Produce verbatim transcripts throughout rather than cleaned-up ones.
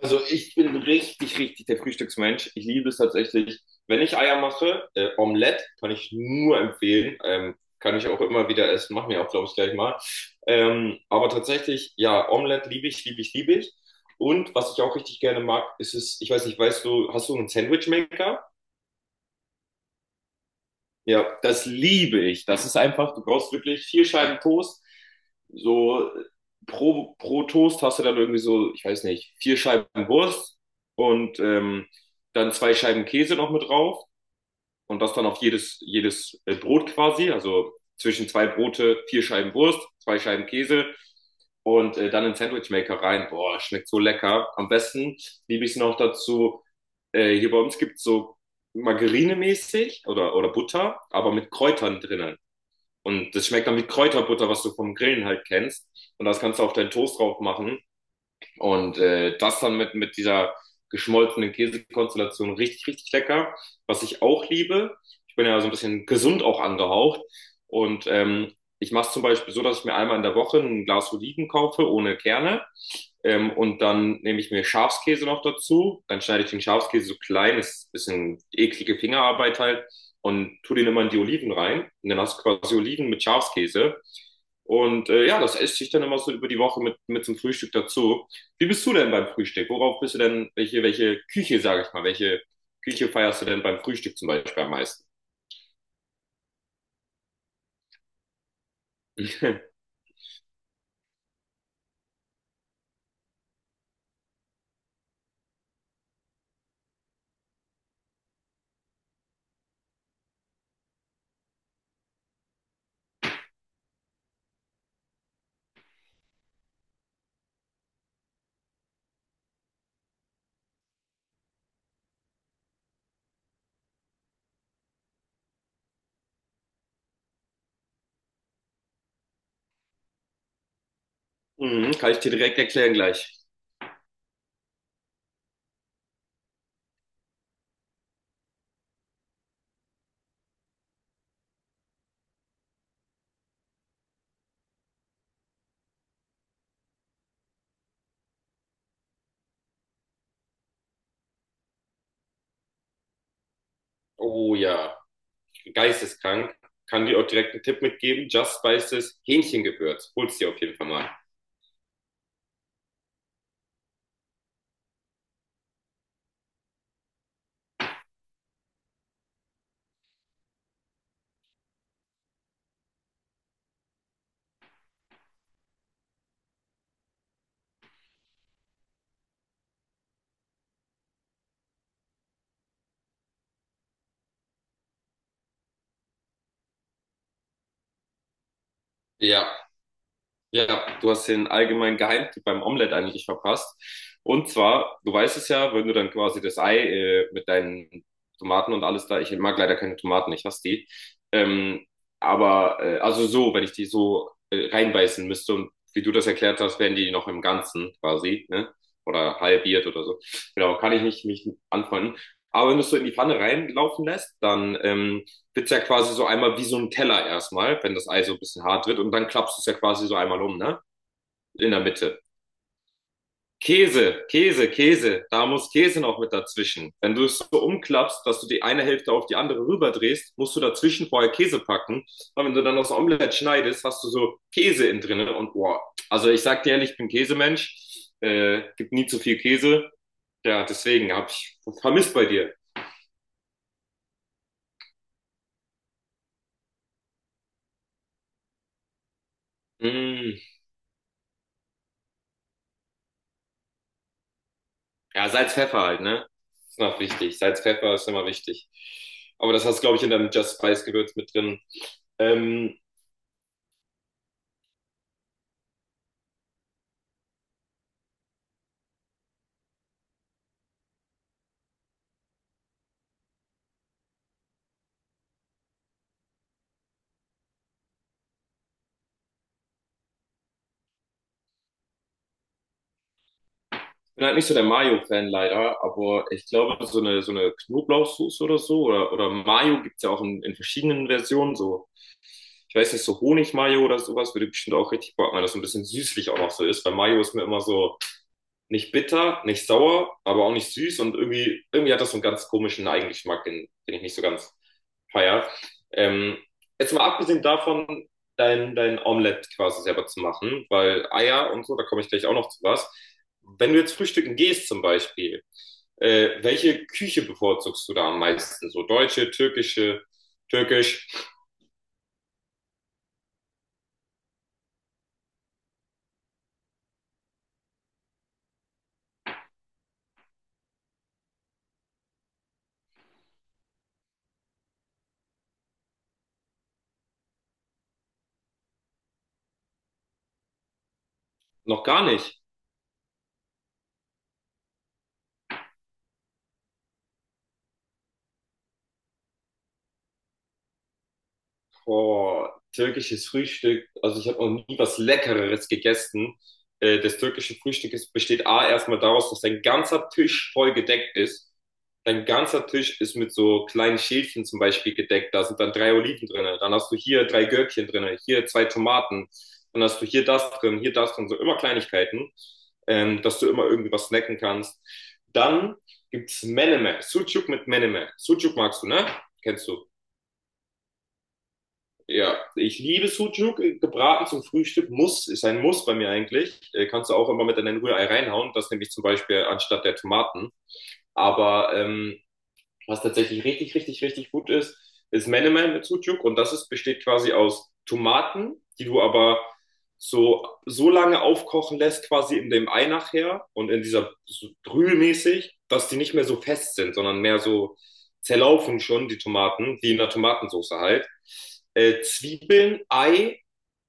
Also ich bin richtig, richtig der Frühstücksmensch. Ich liebe es tatsächlich. Wenn ich Eier mache, äh, Omelette kann ich nur empfehlen. Ähm, kann ich auch immer wieder essen. Machen wir auch, glaube ich, gleich mal. Ähm, aber tatsächlich, ja, Omelette liebe ich, liebe ich, liebe ich. Und was ich auch richtig gerne mag, ist es, ich weiß nicht, weißt du, hast du einen Sandwichmaker? Ja, das liebe ich. Das ist einfach, du brauchst wirklich vier Scheiben Toast. So pro, pro Toast hast du dann irgendwie so, ich weiß nicht, vier Scheiben Wurst und ähm, dann zwei Scheiben Käse noch mit drauf und das dann auf jedes, jedes äh, Brot quasi. Also zwischen zwei Brote, vier Scheiben Wurst, zwei Scheiben Käse und äh, dann in den Sandwich rein. Boah, schmeckt so lecker. Am besten liebe ich es noch dazu. Äh, hier bei uns gibt's so Margarine-mäßig oder, oder Butter, aber mit Kräutern drinnen. Und das schmeckt dann wie Kräuterbutter, was du vom Grillen halt kennst. Und das kannst du auf deinen Toast drauf machen. Und äh, das dann mit, mit dieser geschmolzenen Käsekonstellation richtig, richtig lecker. Was ich auch liebe, ich bin ja so ein bisschen gesund auch angehaucht. Und ähm, ich mache es zum Beispiel so, dass ich mir einmal in der Woche ein Glas Oliven kaufe ohne Kerne. Ähm, und dann nehme ich mir Schafskäse noch dazu. Dann schneide ich den Schafskäse so klein, ist ein bisschen eklige Fingerarbeit halt. Und tu den immer in die Oliven rein. Und dann hast du quasi Oliven mit Schafskäse. Und äh, ja, das esse ich dann immer so über die Woche mit, mit zum Frühstück dazu. Wie bist du denn beim Frühstück? Worauf bist du denn, welche, welche Küche, sage ich mal, welche Küche feierst du denn beim Frühstück zum Beispiel am meisten? Mhm, kann ich dir direkt erklären gleich. Oh ja, geisteskrank. Kann dir auch direkt einen Tipp mitgeben. Just Spices Hähnchengewürz. Hol's dir auf jeden Fall mal. Ja, Ja, du hast den allgemeinen Geheimtipp beim Omelett eigentlich verpasst. Und zwar, du weißt es ja, wenn du dann quasi das Ei äh, mit deinen Tomaten und alles da, ich mag leider keine Tomaten, ich hasse die. Ähm, aber, äh, also so, wenn ich die so äh, reinbeißen müsste und wie du das erklärt hast, wären die noch im Ganzen quasi, ne? Oder halbiert oder so. Genau, kann ich nicht mich anfreunden. Aber wenn du es so in die Pfanne reinlaufen lässt, dann ähm, wird's ja quasi so einmal wie so ein Teller erstmal, wenn das Ei so ein bisschen hart wird und dann klappst du es ja quasi so einmal um, ne? In der Mitte. Käse, Käse, Käse, da muss Käse noch mit dazwischen. Wenn du es so umklappst, dass du die eine Hälfte auf die andere rüberdrehst, musst du dazwischen vorher Käse packen. Und wenn du dann noch das Omelett schneidest, hast du so Käse in drinne und boah. Also ich sag dir ehrlich, ich bin Käsemensch, äh, gibt nie zu viel Käse. Ja, deswegen hab ich vermisst bei dir. Mm. Ja, Salz, Pfeffer halt, ne? Ist noch wichtig. Salz, Pfeffer ist immer wichtig. Aber das hast du, glaube ich, in deinem Just Spice Gewürz mit drin. Ähm, bin halt nicht so der Mayo-Fan leider, aber ich glaube, so eine, so eine Knoblauchsoße oder so, oder, oder Mayo gibt's ja auch in, in verschiedenen Versionen, so. Ich weiß nicht, so Honig-Mayo oder sowas würde bestimmt auch richtig Bock machen, dass so ein bisschen süßlich auch noch so ist, weil Mayo ist mir immer so, nicht bitter, nicht sauer, aber auch nicht süß und irgendwie, irgendwie hat das so einen ganz komischen Eigengeschmack, den, den ich nicht so ganz feier. Ähm, jetzt mal abgesehen davon, dein, dein Omelett quasi selber zu machen, weil Eier und so, da komme ich gleich auch noch zu was. Wenn du jetzt frühstücken gehst zum Beispiel, äh, welche Küche bevorzugst du da am meisten? So deutsche, türkische, türkisch? Noch gar nicht. Boah, türkisches Frühstück. Also ich habe noch nie was Leckereres gegessen. Äh, das türkische Frühstück ist, besteht A erstmal daraus, dass dein ganzer Tisch voll gedeckt ist. Dein ganzer Tisch ist mit so kleinen Schälchen zum Beispiel gedeckt. Da sind dann drei Oliven drinne. Dann hast du hier drei Gürkchen drinne, hier zwei Tomaten. Dann hast du hier das drin, hier das drin. So immer Kleinigkeiten, ähm, dass du immer irgendwie was snacken kannst. Dann gibt's Menemen. Sucuk mit Menemen. Sucuk magst du, ne? Kennst du. Ja, ich liebe Sucuk, äh, gebraten zum Frühstück, muss, ist ein Muss bei mir eigentlich. Äh, kannst du auch immer mit in dein Rührei reinhauen, das nehme ich zum Beispiel anstatt der Tomaten. Aber ähm, was tatsächlich richtig, richtig, richtig gut ist, ist Menemen mit Sucuk und das ist, besteht quasi aus Tomaten, die du aber so, so lange aufkochen lässt, quasi in dem Ei nachher und in dieser so brühmäßig, dass die nicht mehr so fest sind, sondern mehr so zerlaufen schon, die Tomaten, wie in der Tomatensauce halt. Äh, Zwiebeln, Ei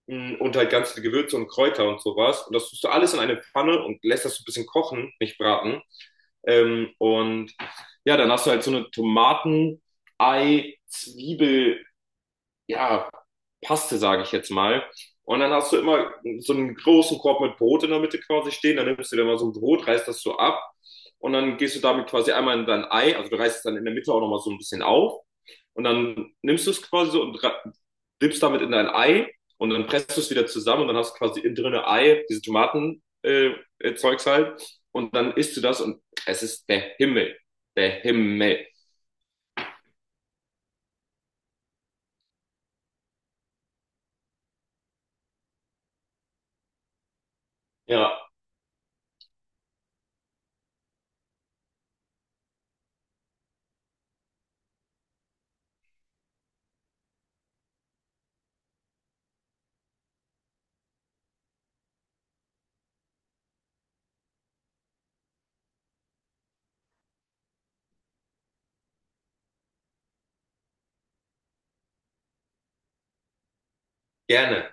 Mm, und halt ganz viele Gewürze und Kräuter und sowas. Und das tust du alles in eine Pfanne und lässt das so ein bisschen kochen, nicht braten. Ähm, und ja, dann hast du halt so eine Tomaten, Ei, Zwiebel, ja, Paste, sage ich jetzt mal. Und dann hast du immer so einen großen Korb mit Brot in der Mitte quasi stehen. Dann nimmst du dir mal so ein Brot, reißt das so ab und dann gehst du damit quasi einmal in dein Ei. Also du reißt es dann in der Mitte auch nochmal so ein bisschen auf. Und dann nimmst du es quasi so und ra- dippst damit in dein Ei und dann presst du es wieder zusammen und dann hast du quasi innen drin Ei, diese Tomaten, äh, äh, Zeugs halt. Und dann isst du das und es ist der Himmel. Der Himmel. Ja, gerne.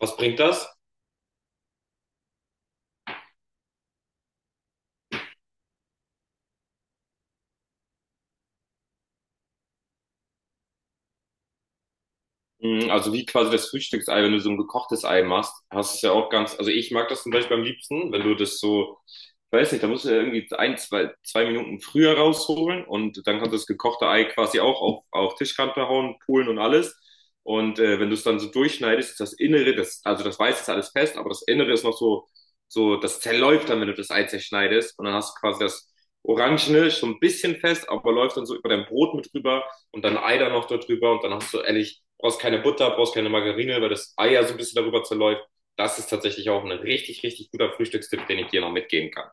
Was bringt das? Mm, also wie quasi das Frühstücksei, wenn du so ein gekochtes Ei machst, hast du es ja auch ganz, also ich mag das zum Beispiel am liebsten, wenn du das so, ich weiß nicht, da musst du ja irgendwie ein, zwei, zwei Minuten früher rausholen und dann kannst du das gekochte Ei quasi auch auf, auf Tischkante hauen, polen und alles. Und äh, wenn du es dann so durchschneidest, ist das Innere, das, also das Weiße ist alles fest, aber das Innere ist noch so, so, das zerläuft dann, wenn du das Ei zerschneidest und dann hast du quasi das Orangene schon ein bisschen fest, aber läuft dann so über dein Brot mit drüber und dann Ei da noch darüber und dann hast du ehrlich, brauchst keine Butter, brauchst keine Margarine, weil das Ei ja so ein bisschen darüber zerläuft. Das ist tatsächlich auch ein richtig, richtig guter Frühstückstipp, den ich dir noch mitgeben kann.